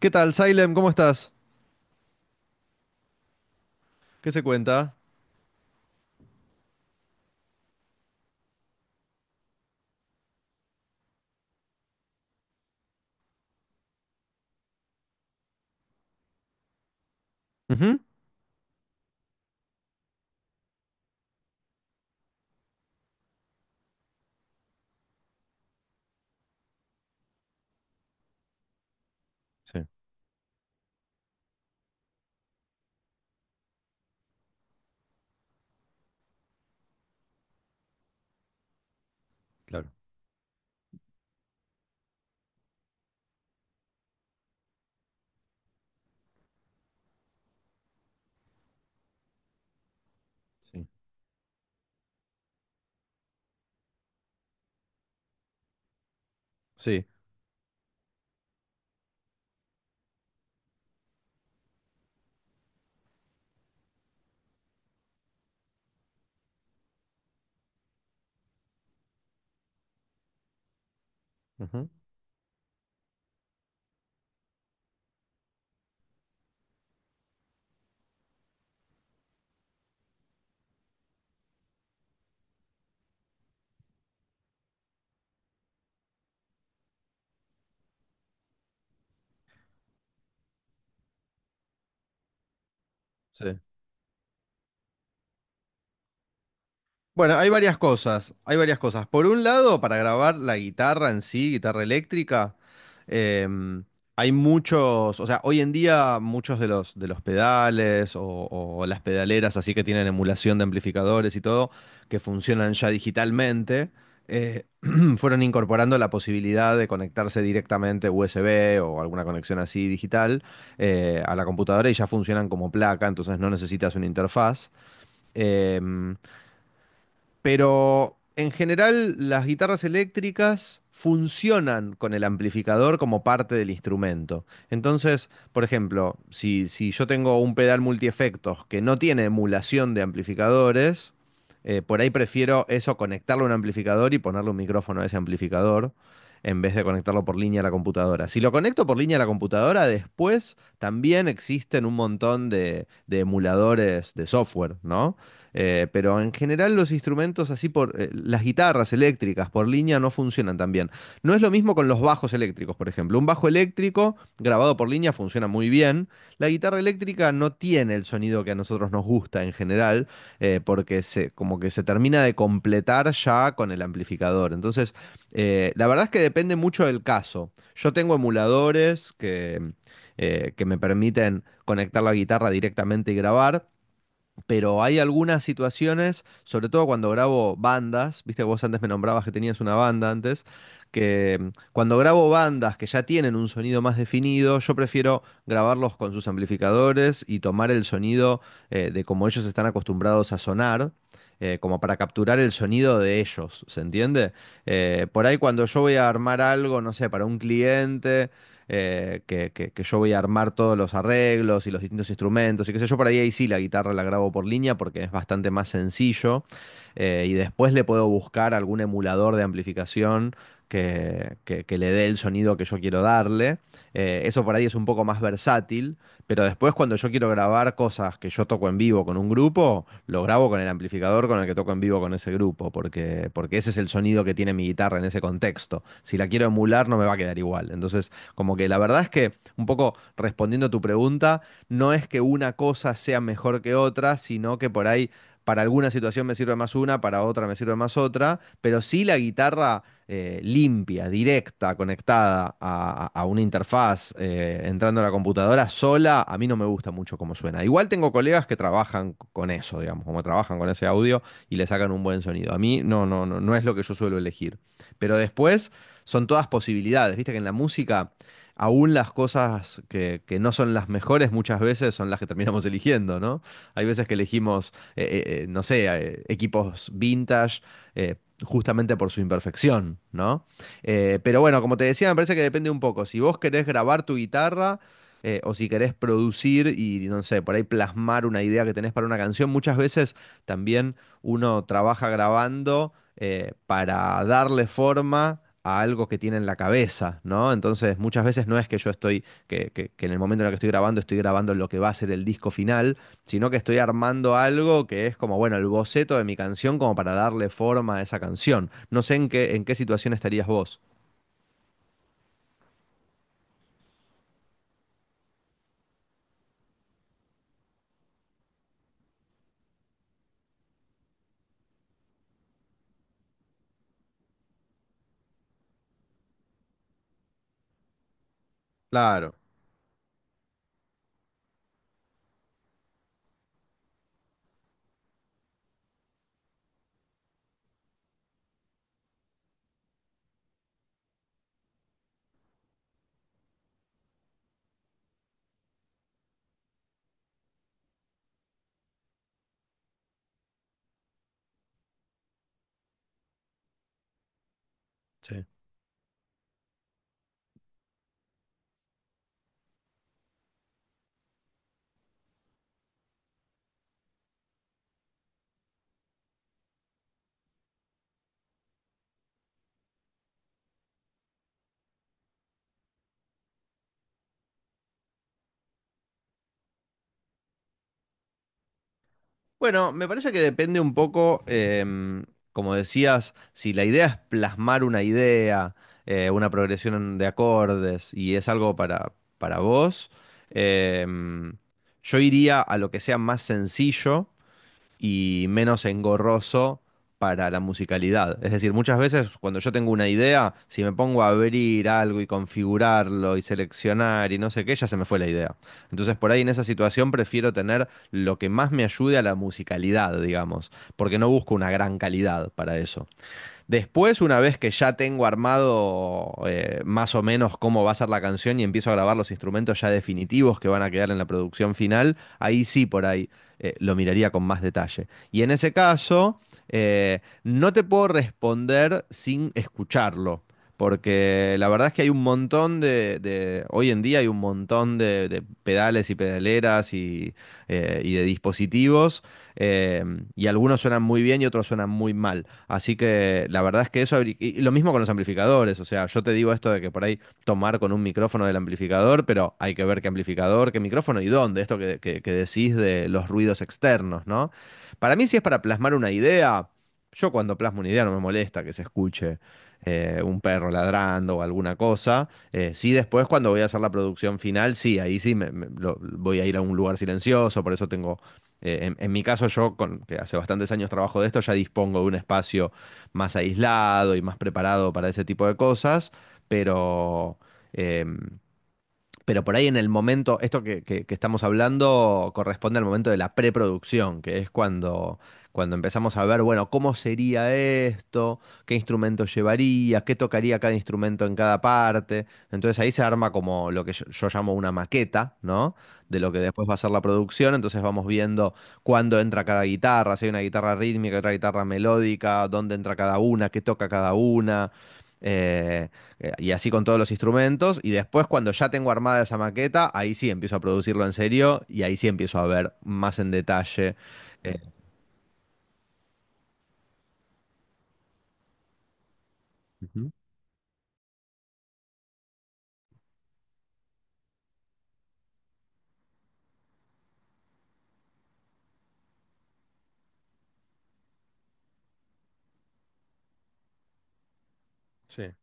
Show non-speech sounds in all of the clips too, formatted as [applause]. ¿Qué tal, Salem? ¿Cómo estás? ¿Qué se cuenta? Ujú. Sí, claro. Sí. Sí. Ujú. Sí. Bueno, hay varias cosas, hay varias cosas. Por un lado, para grabar la guitarra en sí, guitarra eléctrica, Em, hay muchos, o sea, hoy en día muchos de los pedales o las pedaleras así que tienen emulación de amplificadores y todo, que funcionan ya digitalmente. eh, [clears throat] Fueron incorporando la posibilidad de conectarse directamente USB o alguna conexión así digital, a la computadora, y ya funcionan como placa, entonces no necesitas una interfaz. Em, pero en general las guitarras eléctricas funcionan con el amplificador como parte del instrumento. Entonces, por ejemplo, si yo tengo un pedal multiefectos que no tiene emulación de amplificadores, por ahí prefiero eso, conectarlo a un amplificador y ponerle un micrófono a ese amplificador en vez de conectarlo por línea a la computadora. Si lo conecto por línea a la computadora, después también existen un montón de, emuladores de software, ¿no? Pero en general los instrumentos así por las guitarras eléctricas por línea no funcionan tan bien. No es lo mismo con los bajos eléctricos, por ejemplo. Un bajo eléctrico grabado por línea funciona muy bien. La guitarra eléctrica no tiene el sonido que a nosotros nos gusta en general, porque como que se termina de completar ya con el amplificador. Entonces, la verdad es que depende mucho del caso. Yo tengo emuladores que me permiten conectar la guitarra directamente y grabar, pero hay algunas situaciones, sobre todo cuando grabo bandas. Viste, vos antes me nombrabas que tenías una banda antes, que cuando grabo bandas que ya tienen un sonido más definido, yo prefiero grabarlos con sus amplificadores y tomar el sonido, de como ellos están acostumbrados a sonar, como para capturar el sonido de ellos, ¿se entiende? Por ahí cuando yo voy a armar algo, no sé, para un cliente que yo voy a armar todos los arreglos y los distintos instrumentos y qué sé yo. Por ahí, ahí sí la guitarra la grabo por línea porque es bastante más sencillo, y después le puedo buscar algún emulador de amplificación que le dé el sonido que yo quiero darle. Eso por ahí es un poco más versátil. Pero después cuando yo quiero grabar cosas que yo toco en vivo con un grupo, lo grabo con el amplificador con el que toco en vivo con ese grupo, porque ese es el sonido que tiene mi guitarra en ese contexto. Si la quiero emular no me va a quedar igual. Entonces como que la verdad es que, un poco respondiendo a tu pregunta, no es que una cosa sea mejor que otra, sino que por ahí para alguna situación me sirve más una, para otra me sirve más otra, pero sí la guitarra, limpia, directa, conectada a, a una interfaz, entrando a la computadora sola, a mí no me gusta mucho cómo suena. Igual tengo colegas que trabajan con eso, digamos, como trabajan con ese audio y le sacan un buen sonido. A mí no, no, no, no es lo que yo suelo elegir. Pero después son todas posibilidades, viste que en la música aún las cosas que no son las mejores muchas veces son las que terminamos eligiendo, ¿no? Hay veces que elegimos, no sé, equipos vintage, eh, justamente por su imperfección, ¿no? Pero bueno, como te decía, me parece que depende un poco. Si vos querés grabar tu guitarra, o si querés producir y, no sé, por ahí plasmar una idea que tenés para una canción, muchas veces también uno trabaja grabando, para darle forma a algo que tiene en la cabeza, ¿no? Entonces, muchas veces no es que yo estoy, que en el momento en el que estoy grabando lo que va a ser el disco final, sino que estoy armando algo que es como, bueno, el boceto de mi canción, como para darle forma a esa canción. No sé en qué situación estarías vos. Claro. Sí. Bueno, me parece que depende un poco, como decías, si la idea es plasmar una idea, una progresión de acordes y es algo para, vos, em, yo iría a lo que sea más sencillo y menos engorroso para la musicalidad. Es decir, muchas veces cuando yo tengo una idea, si me pongo a abrir algo y configurarlo y seleccionar y no sé qué, ya se me fue la idea. Entonces, por ahí en esa situación prefiero tener lo que más me ayude a la musicalidad, digamos, porque no busco una gran calidad para eso. Después, una vez que ya tengo armado, más o menos cómo va a ser la canción, y empiezo a grabar los instrumentos ya definitivos que van a quedar en la producción final, ahí sí por ahí, lo miraría con más detalle. Y en ese caso, no te puedo responder sin escucharlo. Porque la verdad es que hay un montón de, hoy en día hay un montón de, pedales y pedaleras y de dispositivos, eh, y algunos suenan muy bien y otros suenan muy mal. Así que la verdad es que eso, y lo mismo con los amplificadores, o sea, yo te digo esto de que por ahí tomar con un micrófono del amplificador, pero hay que ver qué amplificador, qué micrófono y dónde, esto que decís de los ruidos externos, ¿no? Para mí, si es para plasmar una idea, yo cuando plasmo una idea no me molesta que se escuche, un perro ladrando o alguna cosa. Sí, después cuando voy a hacer la producción final, sí, ahí sí voy a ir a un lugar silencioso, por eso tengo, en mi caso, que hace bastantes años trabajo de esto, ya dispongo de un espacio más aislado y más preparado para ese tipo de cosas, pero em, pero por ahí en el momento, esto que estamos hablando corresponde al momento de la preproducción, que es cuando, empezamos a ver, bueno, cómo sería esto, qué instrumentos llevaría, qué tocaría cada instrumento en cada parte. Entonces ahí se arma como lo que yo, llamo una maqueta, ¿no? De lo que después va a ser la producción. Entonces vamos viendo cuándo entra cada guitarra, si hay una guitarra rítmica, otra guitarra melódica, dónde entra cada una, qué toca cada una. Eh, Y así con todos los instrumentos. Y después, cuando ya tengo armada esa maqueta, ahí sí empiezo a producirlo en serio y ahí sí empiezo a ver más en detalle. eh, Ujú. Sí.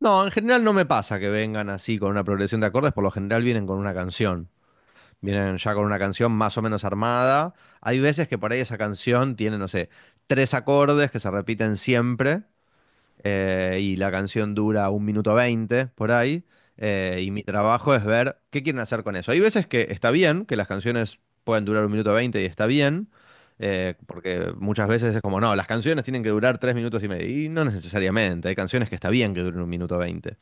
No, en general no me pasa que vengan así con una progresión de acordes, por lo general vienen con una canción. Vienen ya con una canción más o menos armada. Hay veces que por ahí esa canción tiene, no sé, tres acordes que se repiten siempre, y la canción dura 1:20 por ahí, y mi trabajo es ver qué quieren hacer con eso. Hay veces que está bien, que las canciones pueden durar 1:20 y está bien, porque muchas veces es como, no, las canciones tienen que durar 3 minutos y medio, y no necesariamente, hay canciones que está bien que duren 1:20.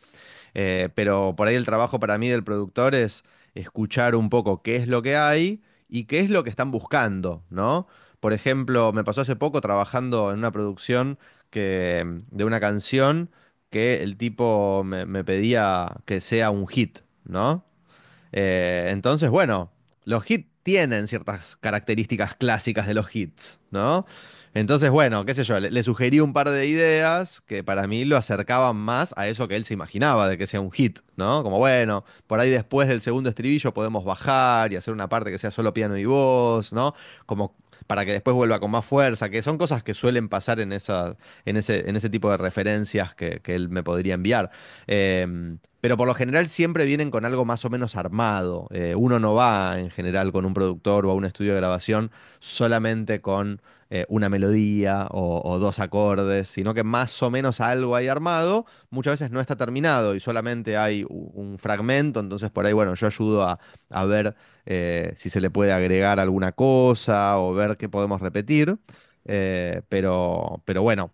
Pero por ahí el trabajo para mí del productor es escuchar un poco qué es lo que hay y qué es lo que están buscando, ¿no? Por ejemplo, me pasó hace poco trabajando en una producción, que, de una canción, que el tipo me pedía que sea un hit, ¿no? Entonces, bueno, los hits tienen ciertas características clásicas de los hits, ¿no? Entonces, bueno, qué sé yo, le sugerí un par de ideas que para mí lo acercaban más a eso que él se imaginaba de que sea un hit, ¿no? Como, bueno, por ahí después del segundo estribillo podemos bajar y hacer una parte que sea solo piano y voz, ¿no? Como para que después vuelva con más fuerza, que son cosas que suelen pasar en ese tipo de referencias que él me podría enviar. Pero por lo general siempre vienen con algo más o menos armado. Uno no va en general con un productor o a un estudio de grabación solamente con, una melodía o, dos acordes, sino que más o menos algo hay armado. Muchas veces no está terminado y solamente hay un fragmento, entonces por ahí, bueno, yo ayudo a, ver, si se le puede agregar alguna cosa o ver qué podemos repetir. Pero bueno,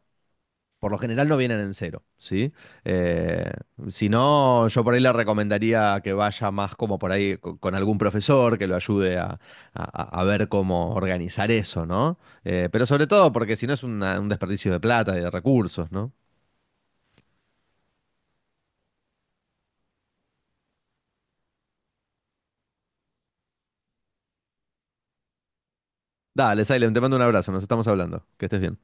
por lo general no vienen en cero, ¿sí? Eh, si no, yo por ahí le recomendaría que vaya más como por ahí con algún profesor que lo ayude a, a ver cómo organizar eso, ¿no? Pero sobre todo porque si no es un desperdicio de plata y de recursos, ¿no? Dale, Silent, te mando un abrazo, nos estamos hablando. Que estés bien.